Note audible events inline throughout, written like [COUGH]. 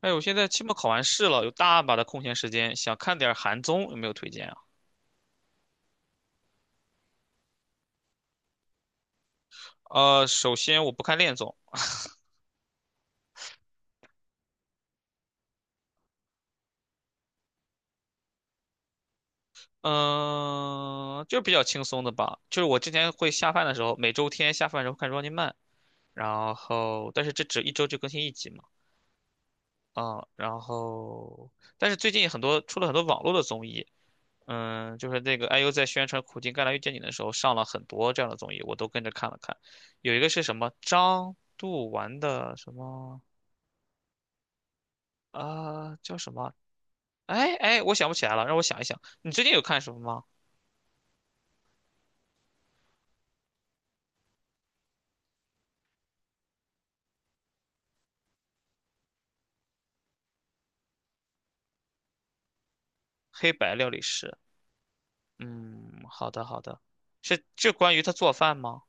哎，我现在期末考完试了，有大把的空闲时间，想看点儿韩综，有没有推荐啊？首先我不看恋综。嗯、就是比较轻松的吧。就是我之前会下饭的时候，每周天下饭的时候看 Running Man，然后但是这只一周就更新一集嘛，啊、然后但是最近很多出了很多网络的综艺，就是那个 IU 在宣传《苦尽甘来遇见你》的时候上了很多这样的综艺，我都跟着看了看。有一个是什么张度完的什么？啊、叫什么哎，我想不起来了，让我想一想。你最近有看什么吗？黑白料理师。嗯，好的好的，是这关于他做饭吗？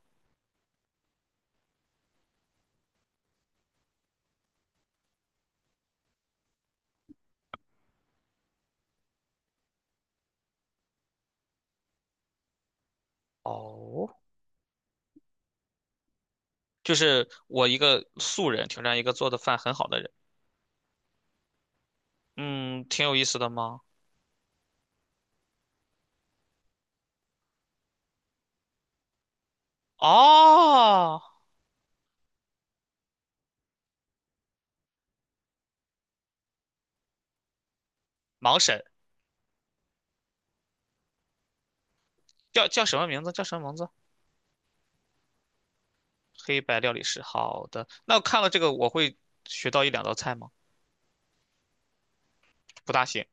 哦，就是我一个素人挑战一个做的饭很好的人。嗯，挺有意思的吗？哦，盲审叫什么名字？叫什么名字？黑白料理师。好的，那我看了这个，我会学到一两道菜吗？不大行。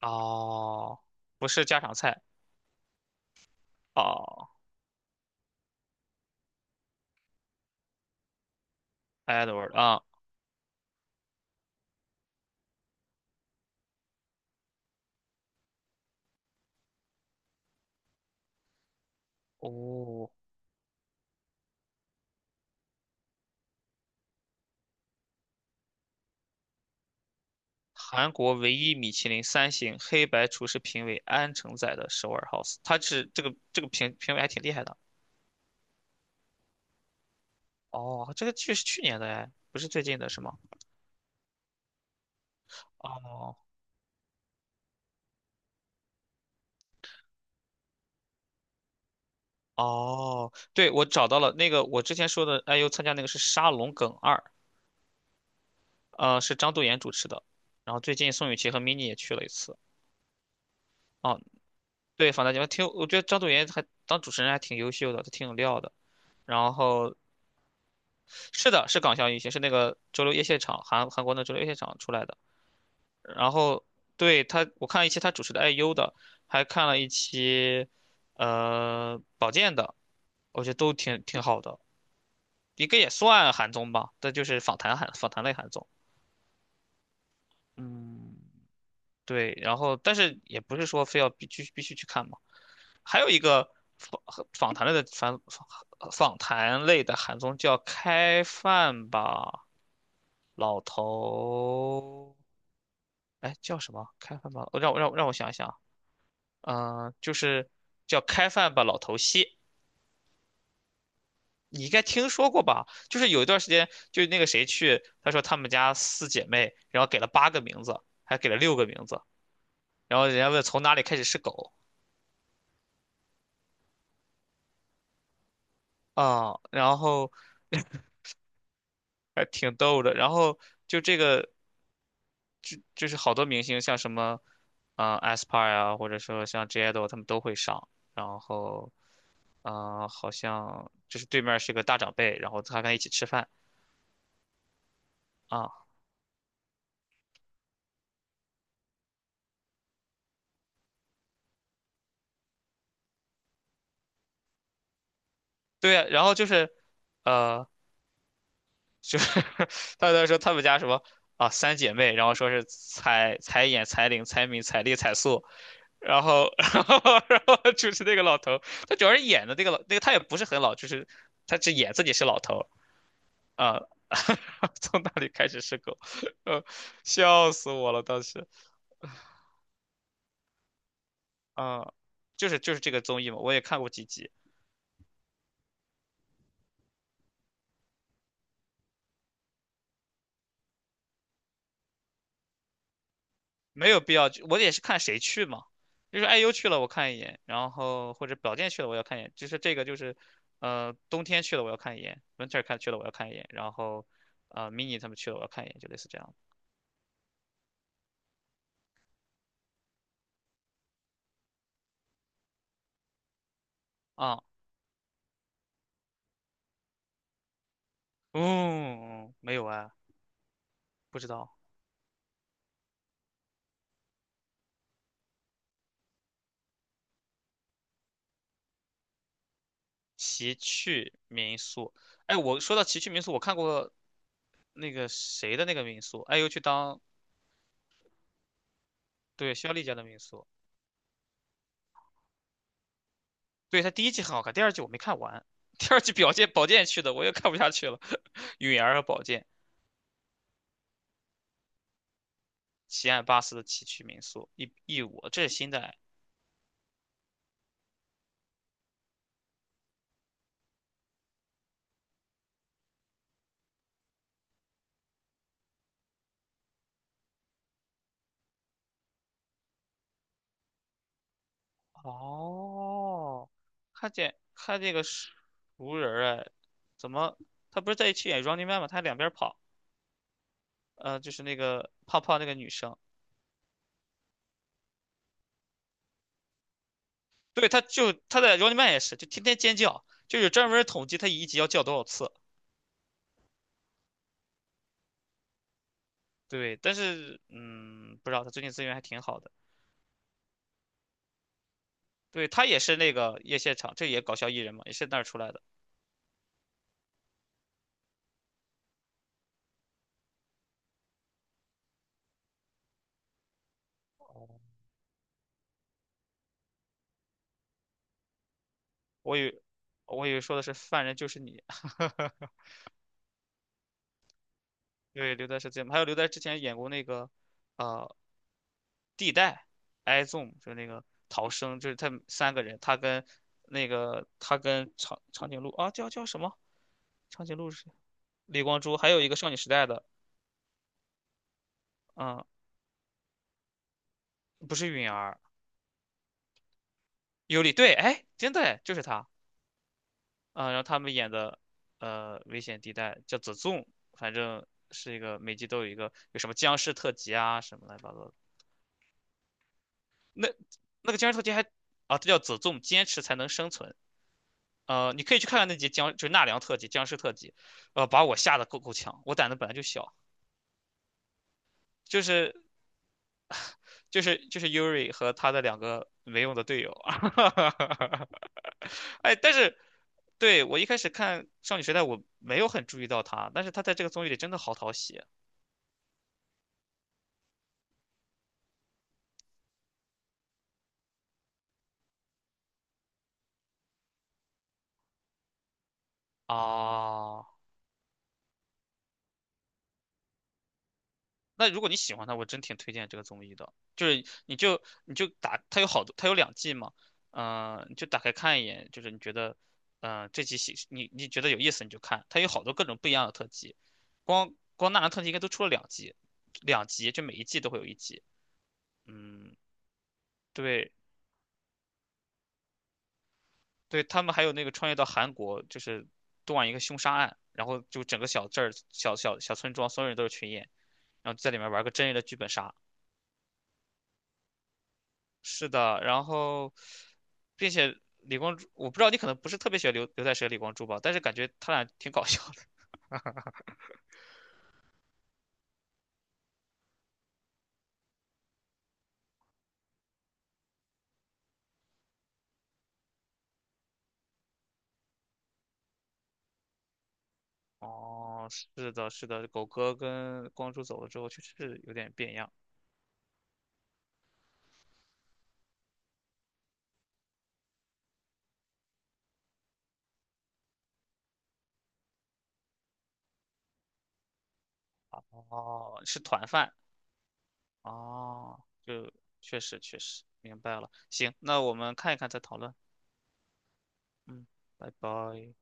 哦，不是家常菜。哦，Edward 啊，哦。韩国唯一米其林三星黑白厨师评委安承宰的首尔 House，他是这个评委还挺厉害的。哦，这个剧是去年的哎，不是最近的是吗？哦哦，对，我找到了那个我之前说的 IU 参加那个是《沙龙梗二》，是张度妍主持的。然后最近宋雨琦和 mini 也去了一次。哦，对，访谈节目挺有我觉得张度妍还当主持人还挺优秀的，她挺有料的。然后是的，是港校运行，是那个周六夜现场，韩国的周六夜现场出来的。然后对他，我看了一期他主持的 IU 的，还看了一期保健的，我觉得都挺好的，应该也算韩综吧，但就是访谈韩访谈类韩综。嗯，对，然后但是也不是说非要必须去看嘛。还有一个访访谈类的访访谈类的韩综叫《开饭吧，老头》，哎，叫什么？开饭吧，让我想一想，嗯、就是叫开饭吧，老头戏，你应该听说过吧？就是有一段时间，就是那个谁去，他说他们家四姐妹，然后给了八个名字，还给了六个名字，然后人家问从哪里开始是狗啊、然后还挺逗的。然后就这个，就是好多明星，像什么，a s p a r 啊，或者说像 j a d o 他们都会上。然后，好像就是对面是个大长辈，然后他跟他一起吃饭啊，对呀然后就是。呃，就是他在说他们家什么啊三姐妹，然后说是彩眼、彩玲、彩敏、彩丽、彩素，然后 [LAUGHS] 然后就是那个老头，他主要是演的那个老那个他也不是很老，就是他只演自己是老头啊，[LAUGHS] 从那里开始是狗，呃，笑死我了当时啊，就是这个综艺嘛，我也看过几集。没有必要去，我也是看谁去嘛。就是 IU 去了我看一眼，然后或者宝剑去了我要看一眼，就是这个就是，冬天去了我要看一眼，Winter 看去了我要看一眼，然后，Mini 他们去了我要看一眼，就类似这样的啊。嗯，没有啊，不知道。奇趣民宿，哎，我说到奇趣民宿，我看过那个谁的那个民宿，IU 去当对肖丽家的民宿，对他第一季很好看，第二季我没看完，第二季保健宝剑去的我又看不下去了，[LAUGHS] 允儿和宝剑。奇岸巴斯的崎岖民宿一一五，这是新的哎哦，看见看这个熟人儿哎，怎么他不是在一起演《Running Man》吗？他还两边跑，就是那个胖胖那个女生，对，他在《Running Man》也是，就天天尖叫，就有专门统计他一集要叫多少次。对，但是嗯，不知道他最近资源还挺好的。对，他也是那个夜现场，这也搞笑艺人嘛，也是那儿出来的。我以为我以为说的是犯人就是你。[LAUGHS] 对，刘在是最美，还有刘在石之前演过那个，呃，地带 i z o m 就是那个逃生，就是他们三个人，他跟那个他跟长颈鹿啊，叫什么？长颈鹿是谁李光洙，还有一个少女时代的，嗯，不是允儿，尤里，对，哎，真的哎，就是他，嗯，然后他们演的，危险地带叫子 h 反正是一个每集都有一个有什么僵尸特辑啊什么乱七八糟的，那那个僵尸特辑还啊，这叫子 h 坚持才能生存。你可以去看看那集僵，就是纳凉特辑、僵尸特辑，把我吓得够呛。我胆子本来就小，就是就是 Yuri 和他的两个没用的队友。[LAUGHS] 哎，但是对我一开始看《少女时代》，我没有很注意到他，但是他在这个综艺里真的好讨喜啊。那如果你喜欢他，我真挺推荐这个综艺的。就是你就打，它有好多，它有两季嘛，你就打开看一眼，就是你觉得，这集戏你觉得有意思你就看，它有好多各种不一样的特辑，光纳兰特辑应该都出了两集，两集就每一季都会有一集。嗯，对对，他们还有那个穿越到韩国，就是断一个凶杀案，然后就整个小镇儿、小村庄，所有人都是群演，然后在里面玩个真人的剧本杀。是的，然后，并且李光洙，我不知道你可能不是特别喜欢刘在石和李光洙吧，但是感觉他俩挺搞笑的。[LAUGHS] 哦，是的，是的，狗哥跟光洙走了之后，确实是有点变样。哦，是团饭。哦，就确实明白了。行，那我们看一看再讨论。嗯，拜拜。